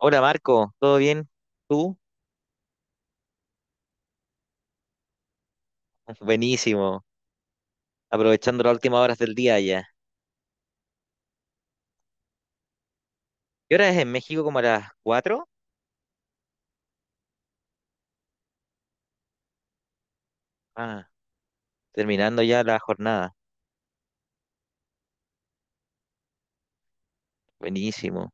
Hola Marco, ¿todo bien? ¿Tú? Ah, buenísimo, aprovechando las últimas horas del día ya. ¿Qué hora es en México? ¿Como a las cuatro, Ah, terminando ya la jornada. Buenísimo.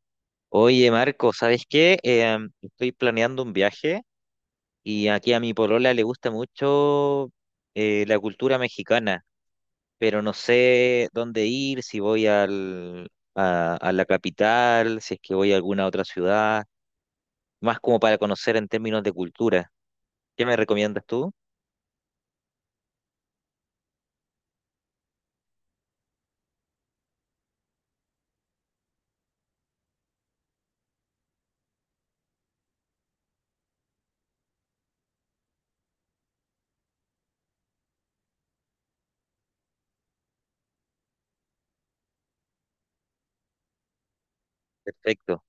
Oye Marco, ¿sabes qué? Estoy planeando un viaje y aquí a mi polola le gusta mucho la cultura mexicana, pero no sé dónde ir, si voy al, a la capital, si es que voy a alguna otra ciudad, más como para conocer en términos de cultura. ¿Qué me recomiendas tú? Perfecto.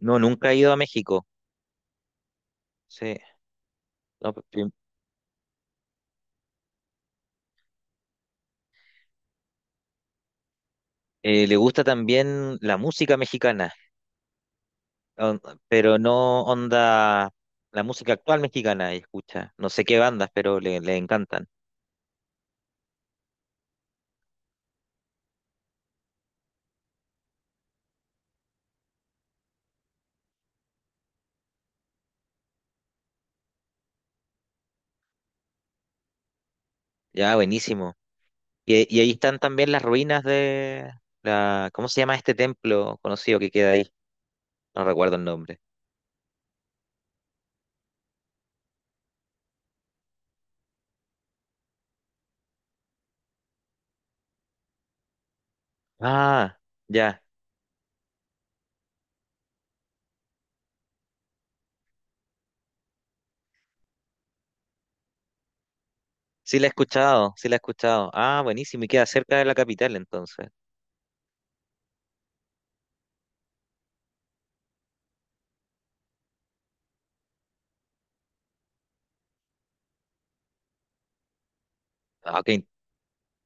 No, nunca he ido a México. Sí. No, p- p- Le gusta también la música mexicana, on- pero no onda la música actual mexicana, ella escucha. No sé qué bandas, pero le encantan. Ya, buenísimo. Y ahí están también las ruinas de ¿cómo se llama este templo conocido que queda ahí? No recuerdo el nombre. Ah, ya. Sí la he escuchado, sí la he escuchado. Ah, buenísimo. Y queda cerca de la capital entonces. Ah,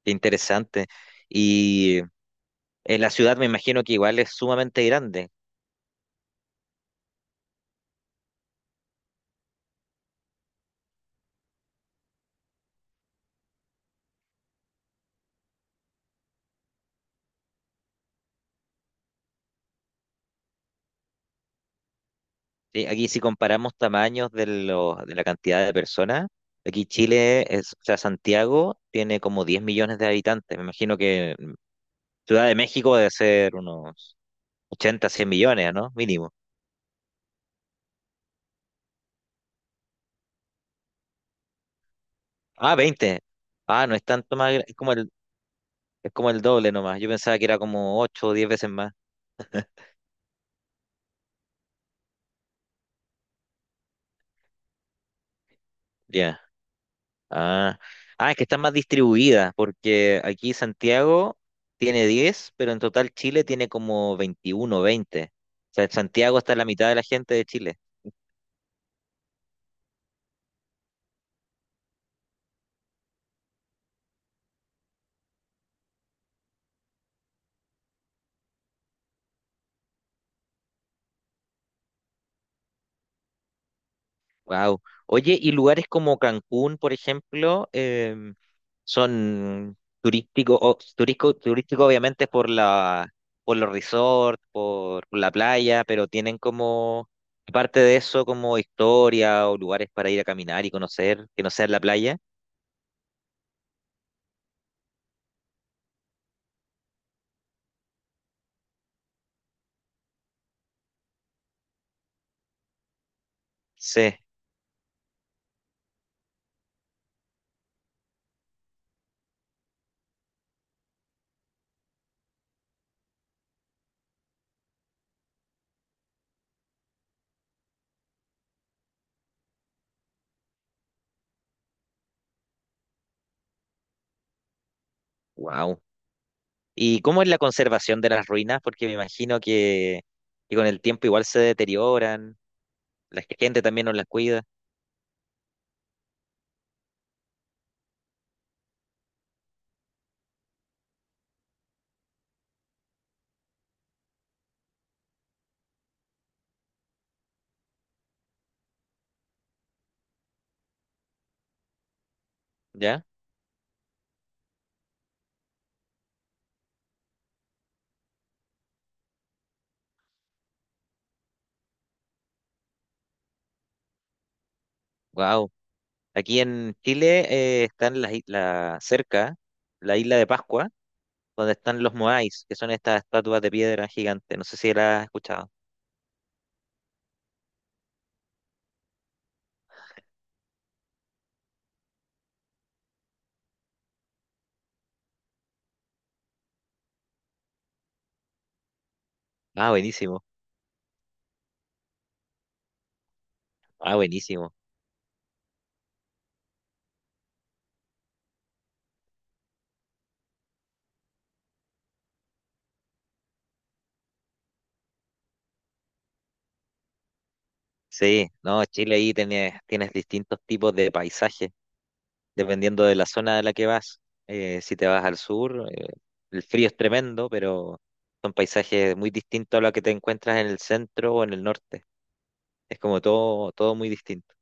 qué interesante. Y En la ciudad me imagino que igual es sumamente grande. Sí, aquí si comparamos tamaños de la cantidad de personas, aquí Chile, es, o sea, Santiago tiene como 10 millones de habitantes. Me imagino que Ciudad de México debe ser unos 80 100 millones, ¿no? Mínimo. Ah, veinte. Ah, no es tanto más, es como el doble nomás. Yo pensaba que era como 8 o 10 veces más. Ya. Ah, ah, es que están más distribuidas, porque aquí Santiago tiene 10, pero en total Chile tiene como 21, 20. O sea, Santiago está la mitad de la gente de Chile. Wow. Oye, ¿y lugares como Cancún, por ejemplo, son turísticos, turístico, turístico obviamente por la, por los resorts, por la playa, pero tienen como, aparte de eso, como historia o lugares para ir a caminar y conocer, que no sea la playa? Sí. Wow. ¿Y cómo es la conservación de las ruinas? Porque me imagino que con el tiempo igual se deterioran, la gente también no las cuida, ¿ya? Wow. Aquí en Chile están cerca, la isla de Pascua, donde están los moais, que son estas estatuas de piedra gigantes. No sé si la has escuchado. Ah, buenísimo. Ah, buenísimo. Sí, no, Chile ahí tienes distintos tipos de paisajes, dependiendo de la zona de la que vas. Si te vas al sur, el frío es tremendo, pero son paisajes muy distintos a los que te encuentras en el centro o en el norte. Es como todo, todo muy distinto,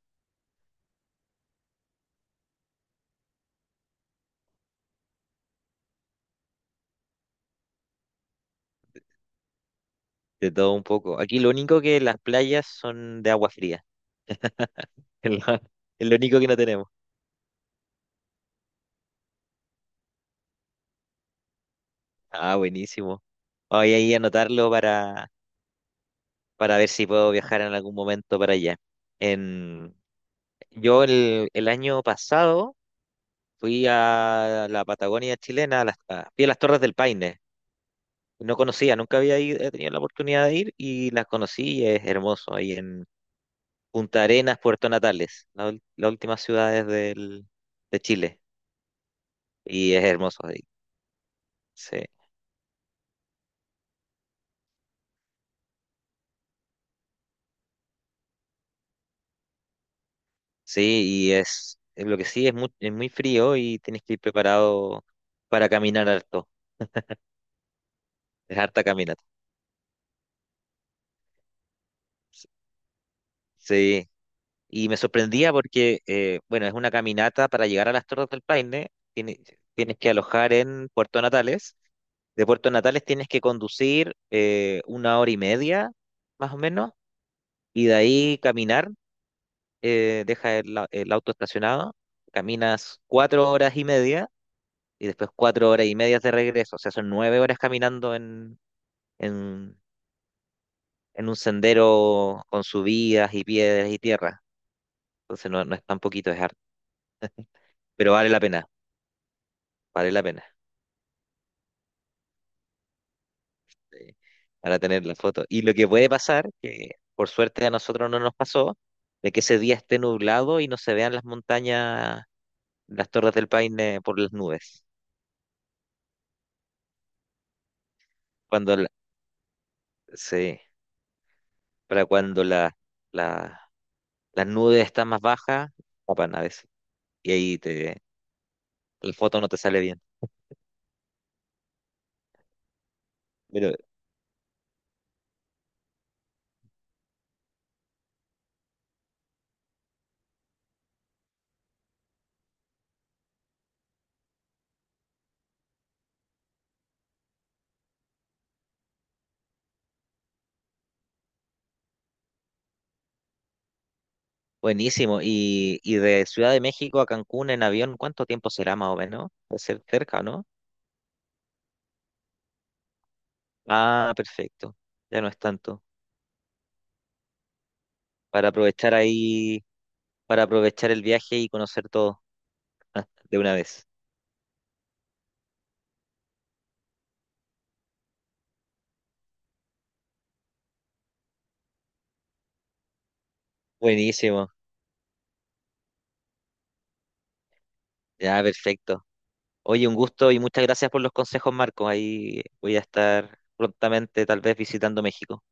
de todo un poco. Aquí lo único que las playas son de agua fría, es lo, es lo único que no tenemos. Ah, buenísimo. Voy a ir a anotarlo para ver si puedo viajar en algún momento para allá. En, yo el año pasado fui a la Patagonia chilena, fui a las Torres del Paine. No conocía, nunca había ido- he tenido la oportunidad de ir y las conocí y es hermoso ahí en Punta Arenas, Puerto Natales, las últimas ciudades de Chile. Y es hermoso ahí. Sí, sí, y es lo que sí, es muy frío y tienes que ir preparado para caminar harto. Es harta caminata. Sí, y me sorprendía porque, bueno, es una caminata para llegar a las Torres del Paine. Tienes que alojar en Puerto Natales. De Puerto Natales tienes que conducir una hora y media, más o menos, y de ahí caminar. Deja el auto estacionado, caminas 4 horas y media y después 4 horas y media de regreso. O sea, son 9 horas caminando en, en, en un sendero con subidas y piedras y tierra. Entonces no, no es tan poquito, es harto, pero vale la pena, vale la pena. eh, para tener la foto. Y lo que puede pasar, que por suerte a nosotros no nos pasó, de que ese día esté nublado y no se vean las montañas, las torres del Paine por las nubes. Cuando la- sí, para cuando la- las nubes están más bajas, tapan a veces. Y ahí la foto no te sale bien. Pero buenísimo. Y de Ciudad de México a Cancún en avión, ¿cuánto tiempo será más o menos? Puede ser cerca, ¿no? Ah, perfecto. Ya no es tanto. Para aprovechar ahí para aprovechar el viaje y conocer todo de una vez. Buenísimo, ya perfecto. Oye, un gusto y muchas gracias por los consejos, Marco. Ahí voy a estar prontamente, tal vez visitando México.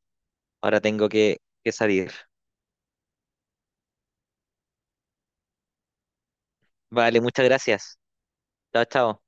Ahora tengo que salir. Vale, muchas gracias. Chao, chao.